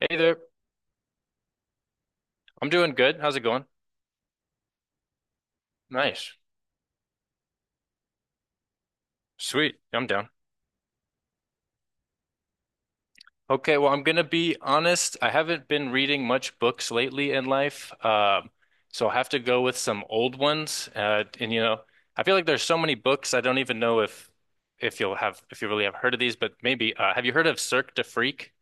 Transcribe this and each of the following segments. Hey there. I'm doing good. How's it going? Nice. Sweet. I'm down. Okay, well, I'm gonna be honest. I haven't been reading much books lately in life. So I'll have to go with some old ones. And you know, I feel like there's so many books I don't even know if you'll have if you really have heard of these, but maybe have you heard of Cirque du Freak?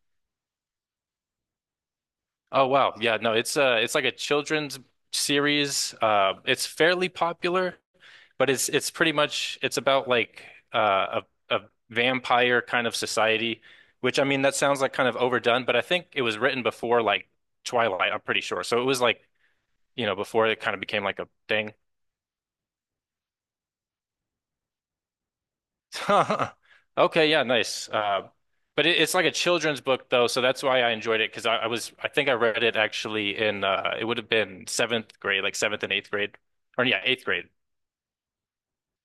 Oh wow. Yeah, no, it's like a children's series. It's fairly popular. But it's pretty much it's about like uh, a vampire kind of society, which I mean that sounds like kind of overdone, but I think it was written before like Twilight, I'm pretty sure. So it was like, you know, before it kind of became like a thing. Okay, yeah, nice. But it's like a children's book though, so that's why I enjoyed it because I think I read it actually in it would have been seventh grade, like seventh and eighth grade, or yeah, eighth grade.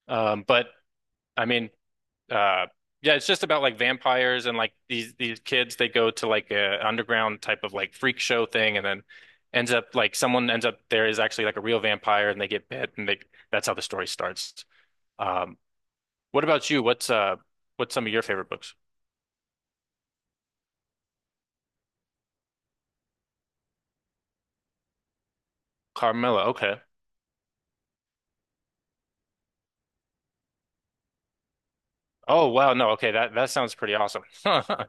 But I mean. Uh, yeah, it's just about like vampires and like these kids they go to like a underground type of like freak show thing and then ends up like someone ends up there is actually like a real vampire and they get bit and they that's how the story starts. Um what about you? What's what's some of your favorite books? Carmilla, okay. Oh wow, no, okay, that sounds pretty awesome.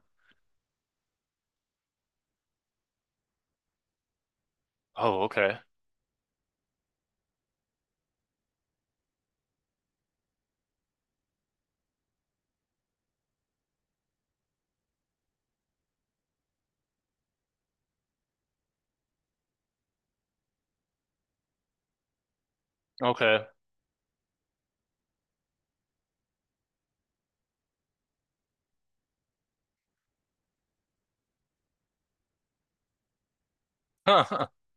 Oh, okay. Okay.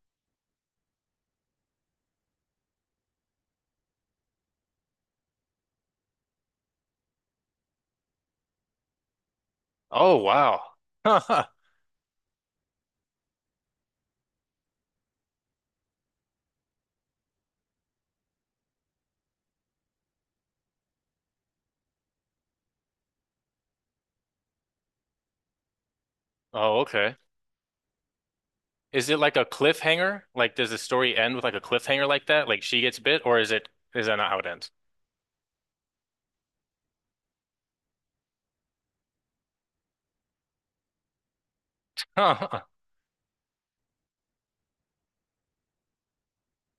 Oh wow. Oh, okay. Is it like a cliffhanger? Like, does the story end with like a cliffhanger like that? Like she gets bit, or is it is that not how it ends? Huh.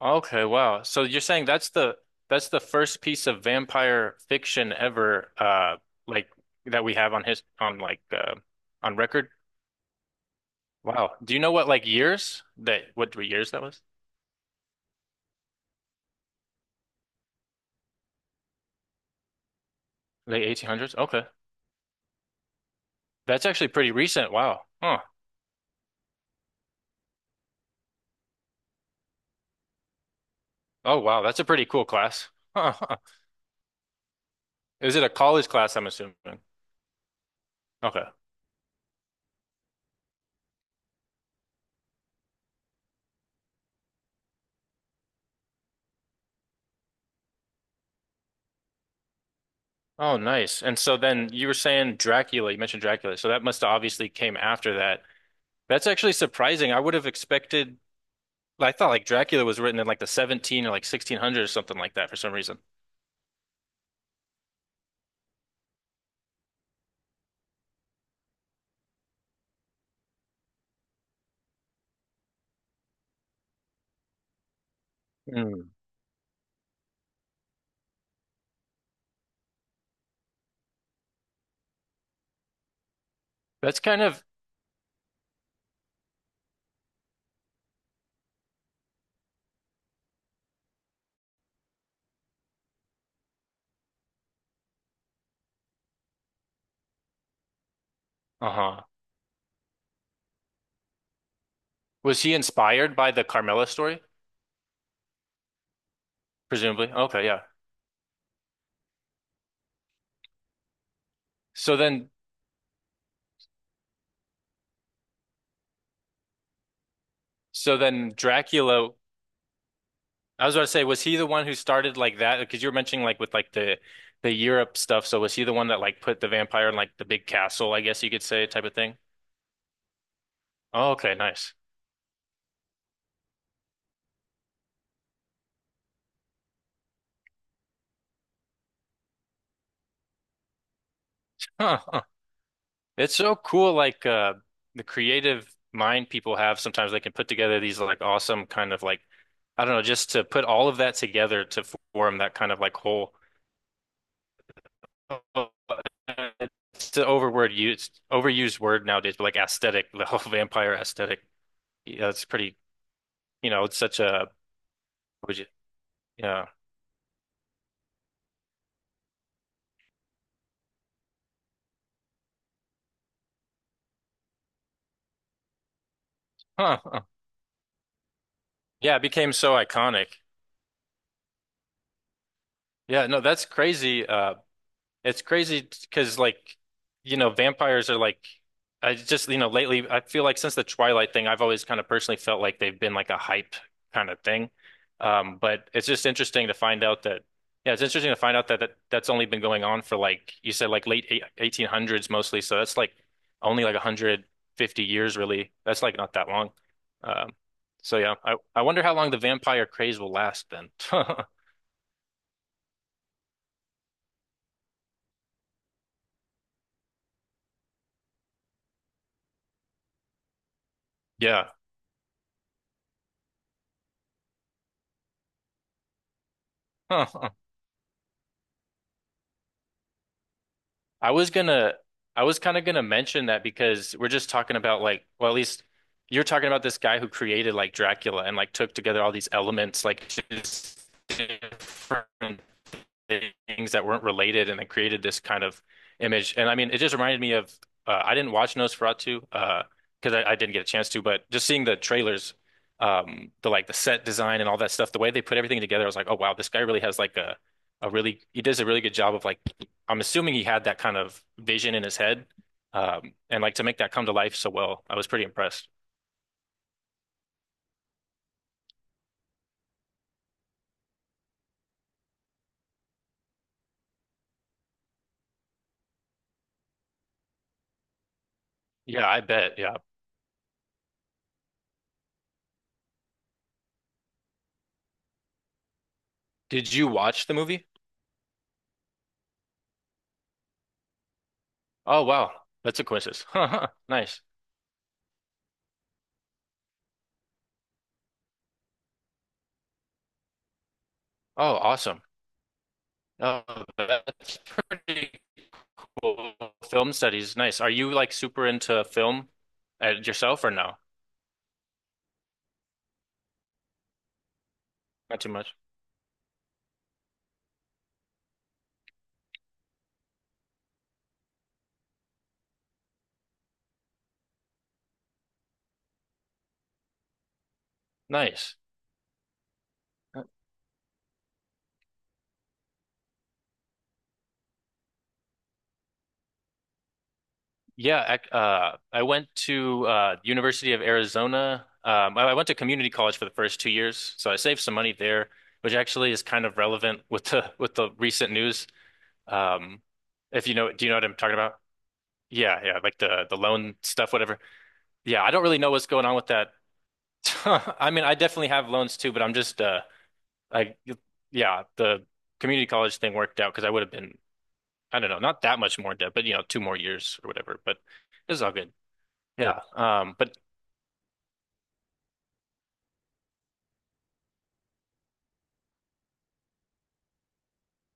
Okay, wow. So you're saying that's the first piece of vampire fiction ever, like that we have on his on like on record. Wow. Do you know what like years that what years that was? Late 1800s? Okay. That's actually pretty recent. Wow. Huh. Oh wow, that's a pretty cool class. Huh. Is it a college class, I'm assuming? Okay. Oh, nice. And so then you were saying Dracula, you mentioned Dracula. So that must have obviously came after that. That's actually surprising. I would have expected, I thought like Dracula was written in like the 17 or like 1600 or something like that for some reason. Hmm. That's kind of, uh-huh. Was he inspired by the Carmilla story? Presumably. Okay, yeah. So then, so then Dracula, I was about to say, was he the one who started like that? Because you were mentioning like with like the Europe stuff. So was he the one that like put the vampire in like the big castle, I guess you could say, type of thing? Oh, okay, nice. Huh, huh. It's so cool, like the creative mind people have sometimes they can put together these like awesome kind of like I don't know, just to put all of that together to form that kind of like whole it's an overword used overused word nowadays, but like aesthetic, the whole vampire aesthetic. Yeah, it's pretty, you know, it's such a would you yeah. Huh, huh. Yeah, it became so iconic. Yeah, no, that's crazy. Uh, it's crazy because like, you know, vampires are like I just, you know, lately I feel like since the Twilight thing, I've always kind of personally felt like they've been like a hype kind of thing. But it's just interesting to find out that yeah, it's interesting to find out that, that's only been going on for like you said like late 1800s mostly, so that's like only like 150 years really. That's like not that long. Um, so yeah, I wonder how long the vampire craze will last then. Yeah. I was gonna, I was kind of gonna mention that because we're just talking about like, well, at least you're talking about this guy who created like Dracula and like took together all these elements, like just different things that weren't related and then created this kind of image. And I mean, it just reminded me of, I didn't watch Nosferatu, because I didn't get a chance to, but just seeing the trailers, the like the set design and all that stuff, the way they put everything together, I was like, oh wow, this guy really has like a really he does a really good job of like I'm assuming he had that kind of vision in his head. And like to make that come to life so well, I was pretty impressed. Yeah, I bet. Yeah. Did you watch the movie? Oh, wow. That's a coincidence. Nice. Oh, awesome. Oh, that's pretty cool. Film studies. Nice. Are you like super into film yourself or no? Not too much. Nice. Yeah, I went to University of Arizona. I went to community college for the first 2 years, so I saved some money there, which actually is kind of relevant with the with the recent news. Um, if you know, do you know what I'm talking about? Yeah, yeah, like the loan stuff, whatever. Yeah, I don't really know what's going on with that. I mean, I definitely have loans too, but I'm just I yeah, the community college thing worked out because I would have been, I don't know, not that much more in debt, but you know, two more years or whatever. But it was all good. Yeah. But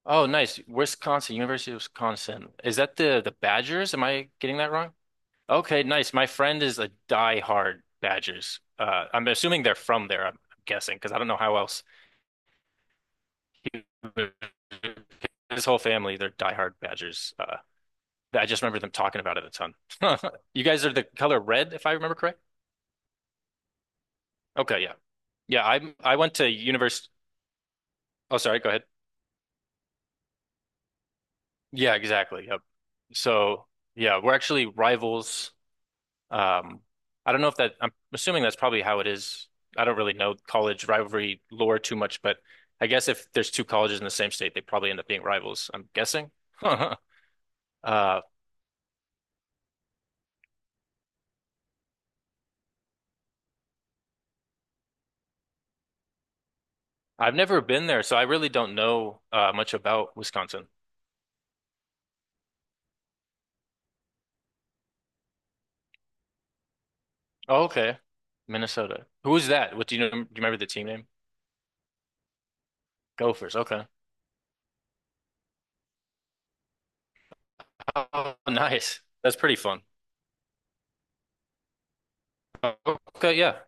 Oh, nice. Wisconsin, University of Wisconsin. Is that the Badgers? Am I getting that wrong? Okay, nice. My friend is a die-hard Badgers. I'm assuming they're from there, I'm guessing, because I don't know how else. His whole family, they're die-hard Badgers. I just remember them talking about it a ton. You guys are the color red, if I remember correct? Okay, yeah. Yeah, I went to university. Oh, sorry, go ahead. Yeah, exactly. Yep. So, yeah, we're actually rivals. Um, I don't know if that, I'm assuming that's probably how it is. I don't really know college rivalry lore too much, but I guess if there's two colleges in the same state, they probably end up being rivals, I'm guessing. Uh, I've never been there, so I really don't know much about Wisconsin. Oh, okay. Minnesota. Who is that? What do you know? Do you remember the team name? Gophers. Okay. Oh, nice. That's pretty fun. Okay, yeah.